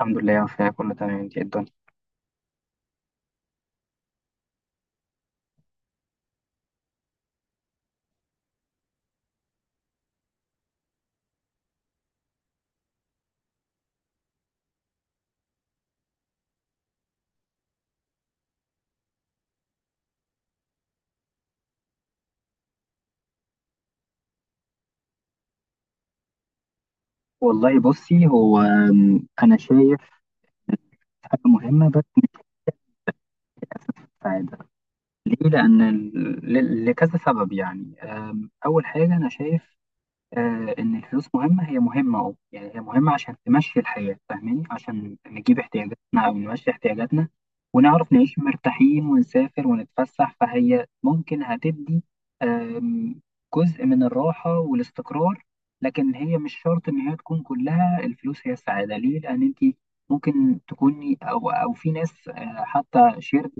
الحمد لله وفيها كله تمام، انت ايه الدنيا؟ والله بصي، هو انا شايف حاجه مهمه. بس اساس السعاده ليه؟ لان لكذا سبب. يعني اول حاجه انا شايف آه إن الفلوس مهمة، هي مهمة، أه يعني هي مهمة عشان تمشي الحياة، فاهماني، عشان نجيب احتياجاتنا أو نمشي احتياجاتنا، ونعرف نعيش مرتاحين ونسافر ونتفسح. فهي ممكن هتدي آم، جزء من الراحة والاستقرار. لكن هي مش شرط إن هي تكون كلها الفلوس هي السعادة. ليه؟ لأن أنت ممكن تكوني، أو في ناس حتى شيرد.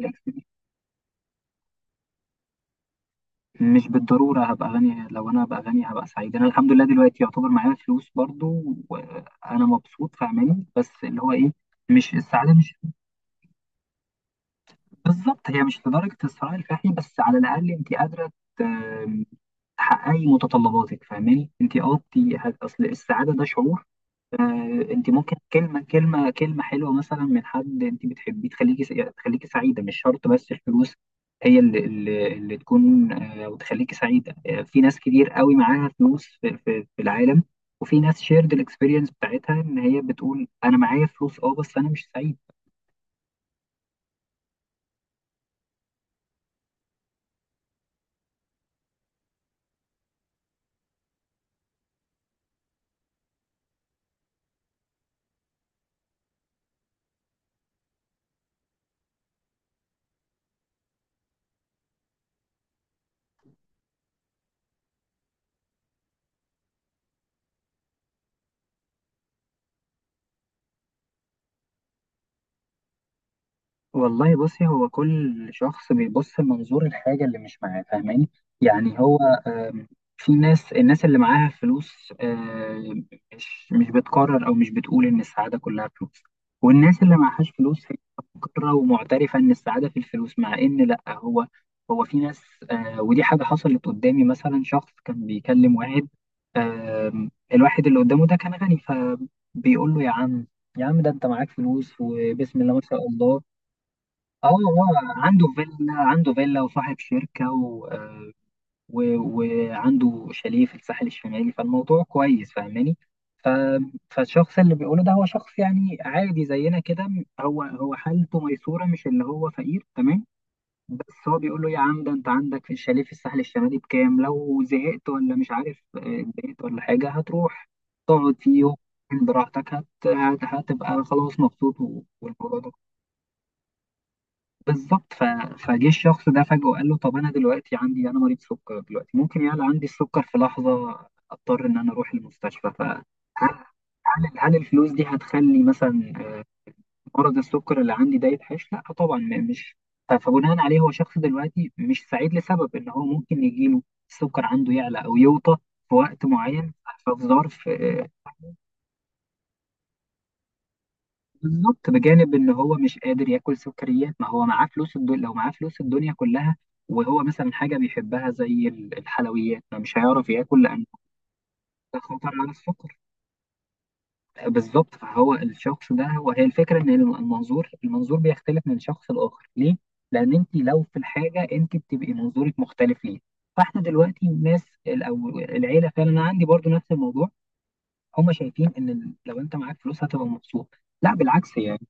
مش بالضرورة هبقى غني. لو أنا بقى غني هبقى سعيد؟ أنا الحمد لله دلوقتي يعتبر معايا فلوس برضو وأنا مبسوط، فاهماني. بس اللي هو إيه، مش السعادة مش بالظبط هي مش لدرجة الثراء الفاحل، بس على الأقل أنت قادرة ت- تحققي متطلباتك، فاهماني. أنت أه أنت أصل السعادة ده شعور. انت ممكن كلمه كلمه حلوه مثلا من حد انت بتحبيه تخليكي تخليكي سعيده، مش شرط بس الفلوس هي اللي تكون وتخليكي سعيده. في ناس كتير قوي معاها فلوس في العالم، وفي ناس شيرد الاكسبيرينس بتاعتها ان هي بتقول انا معايا فلوس اه بس انا مش سعيد. والله بصي هو كل شخص بيبص منظور الحاجة اللي مش معاه، فاهماني. يعني هو آم، في ناس، الناس اللي معاها فلوس مش بتقرر أو مش بتقول إن السعادة كلها فلوس، والناس اللي معهاش فلوس هي مقرة ومعترفة إن السعادة في الفلوس، مع إن لأ. هو هو في ناس ودي حاجة حصلت قدامي، مثلا شخص كان بيكلم واحد، الواحد اللي قدامه ده كان غني، فبيقول له يا عم، يا عم ده انت معاك فلوس وبسم الله ما شاء الله. اه هو عنده فيلا، وصاحب شركة وعنده شاليه في الساحل الشمالي، فالموضوع كويس فاهماني. فالشخص اللي بيقوله ده هو شخص يعني عادي زينا كده، هو حالته ميسورة، مش اللي هو فقير تمام. بس هو بيقول له يا عم ده انت عندك في الشاليه في الساحل الشمالي بكام، لو زهقت ولا مش عارف اتضايقت ولا حاجة هتروح تقعد فيه براحتك، هتبقى خلاص مبسوط والموضوع ده بالظبط. فجه الشخص ده فجأة وقال له طب انا دلوقتي عندي، انا مريض سكر دلوقتي، ممكن يعلى عندي السكر في لحظة اضطر ان انا اروح المستشفى. فهل الفلوس دي هتخلي مثلا مرض السكر اللي عندي ده يتحش؟ لا طبعا، مش فبناء عليه هو شخص دلوقتي مش سعيد، لسبب ان هو ممكن يجيله السكر عنده يعلى او يوطى في وقت معين، ففي ظرف بالظبط. بجانب ان هو مش قادر ياكل سكريات، ما هو معاه فلوس الدنيا، لو معاه فلوس الدنيا كلها وهو مثلا حاجه بيحبها زي الحلويات ما مش هيعرف ياكل، لان ده خطر على السكر. بالظبط، فهو الشخص ده، وهي الفكره ان المنظور، بيختلف من شخص لاخر. ليه؟ لان انت لو في الحاجه انت بتبقي منظورك مختلف، ليه؟ فاحنا دلوقتي الناس او العيله، فعلا انا عندي برضو نفس الموضوع. هم شايفين ان لو انت معاك فلوس هتبقى مبسوط، لا بالعكس يعني.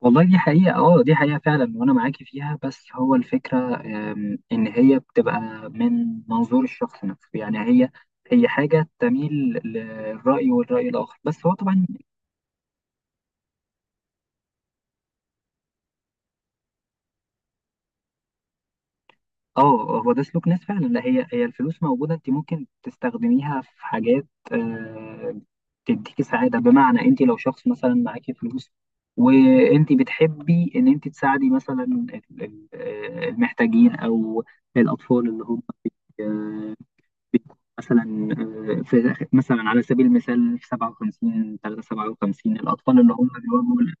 والله دي حقيقة اه، دي حقيقة فعلا وانا معاكي فيها. بس هو الفكرة ان هي بتبقى من منظور الشخص نفسه، يعني هي حاجة تميل للرأي والرأي الآخر، بس هو طبعا اه، هو ده سلوك ناس فعلا. لا، هي الفلوس موجودة، انت ممكن تستخدميها في حاجات تديكي سعادة. بمعنى انت لو شخص مثلا معاكي فلوس، وانت بتحبي ان انت تساعدي مثلا المحتاجين او الاطفال اللي هم بيكون مثلا في مثلا على سبيل المثال في 57 3 57 الاطفال اللي هم بيواجهوا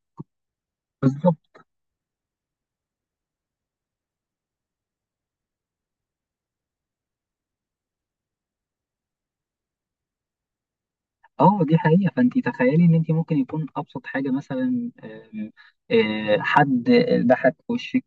بالظبط اه دي حقيقه. فانت تخيلي ان انت ممكن يكون ابسط حاجه مثلا آم، آه، حد ضحك في وشك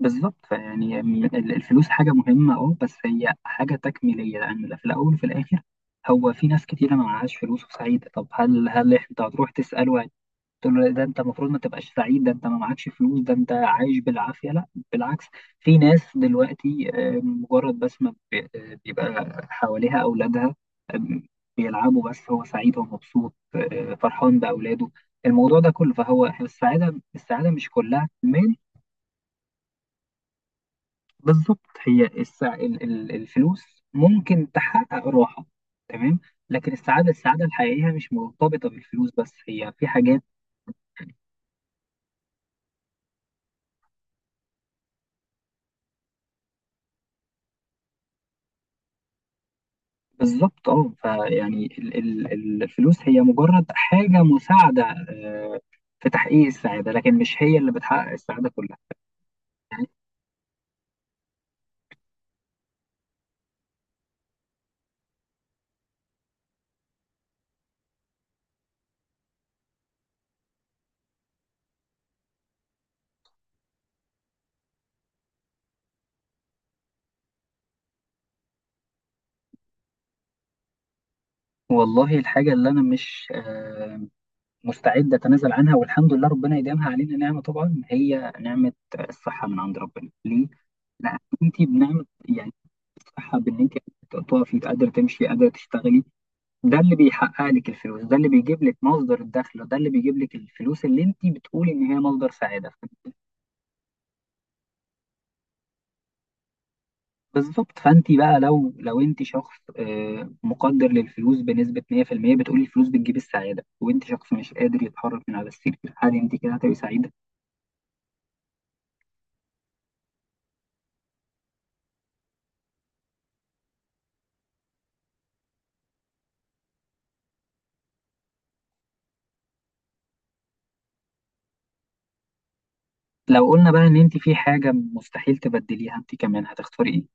بالظبط. فيعني الفلوس حاجه مهمه اه، بس هي حاجه تكميليه، لان في الاول وفي الاخر هو في ناس كتيره ما معهاش فلوس وسعيده. طب هل انت هتروح تساله قلت له ده انت المفروض ما تبقاش سعيد، ده انت ما معكش فلوس، ده انت عايش بالعافيه؟ لا، بالعكس. في ناس دلوقتي مجرد بس ما بي- آه، بيبقى حواليها اولادها آم، بيلعبوا، بس هو سعيد ومبسوط فرحان باولاده، الموضوع ده كله. فهو السعاده، السعاده مش كلها مال. بالظبط، هي الفلوس ممكن تحقق راحه، تمام، لكن السعاده، السعاده الحقيقيه مش مرتبطه بالفلوس بس، هي في حاجات. بالظبط اه، فيعني الفلوس هي مجرد حاجة مساعدة آه، في تحقيق السعادة، لكن مش هي اللي بتحقق السعادة كلها. والله الحاجة اللي أنا مش مستعد أتنازل عنها، والحمد لله ربنا يديمها علينا نعمة، طبعا هي نعمة الصحة من عند ربنا. ليه؟ لأن أنت بنعمة يعني الصحة، بإن أنت تقفي قادرة تمشي قادرة تشتغلي، ده اللي بيحقق لك الفلوس، ده اللي بيجيب لك مصدر الدخل، ده اللي بيجيب لك الفلوس اللي أنت بتقولي إن هي مصدر سعادة. بالظبط، فانت بقى لو انت شخص مقدر للفلوس بنسبه 100%، بتقولي الفلوس بتجيب السعاده، وانت شخص مش قادر يتحرك من على السرير، هل انت كده هتبقي سعيده؟ لو قلنا بقى ان انت في حاجه مستحيل تبدليها، انت كمان هتختاري ايه؟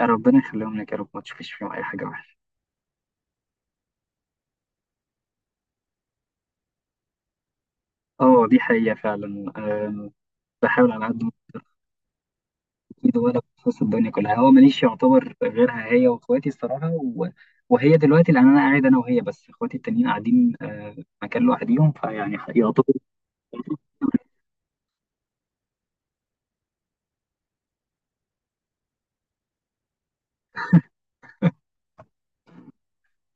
يا ربنا يخليهم لك يا رب، ما تشوفيش فيهم اي حاجه وحشه. اه دي حقيقه فعلا، بحاول على قد ما اقدر. ولا بخصوص الدنيا كلها، هو ماليش يعتبر غيرها هي واخواتي الصراحه وهي دلوقتي، لان انا قاعد انا وهي بس، اخواتي التانيين قاعدين مكان لوحديهم، فيعني يعتبر.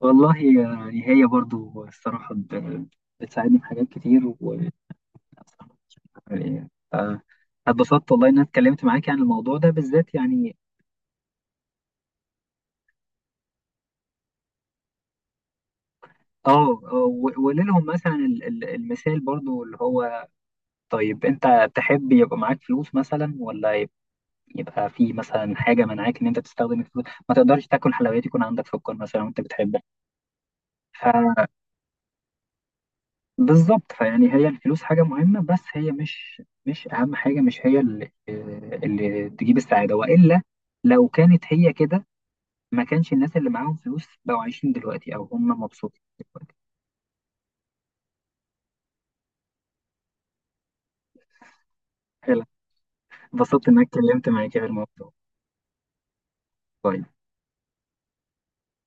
والله يعني هي برضو الصراحة بتساعدني في حاجات كتير و يعني، آه، اتبسطت والله إن أنا اتكلمت معاك عن الموضوع ده بالذات يعني. اه وليلهم مثلا المثال برضو اللي هو طيب أنت تحب يبقى معاك فلوس مثلا، ولا يبقى في مثلا حاجة منعاك إن أنت تستخدم الفلوس، ما تقدرش تاكل حلويات يكون عندك سكر مثلا وأنت بتحبها. بالظبط، فيعني هي الفلوس حاجة مهمة، بس هي مش أهم حاجة، مش هي اللي تجيب السعادة، وإلا لو كانت هي كده ما كانش الناس اللي معاهم فلوس بقوا عايشين دلوقتي أو هم مبسوطين دلوقتي. حلو، انبسطت إن أنا اتكلمت معاك في الموضوع. باي.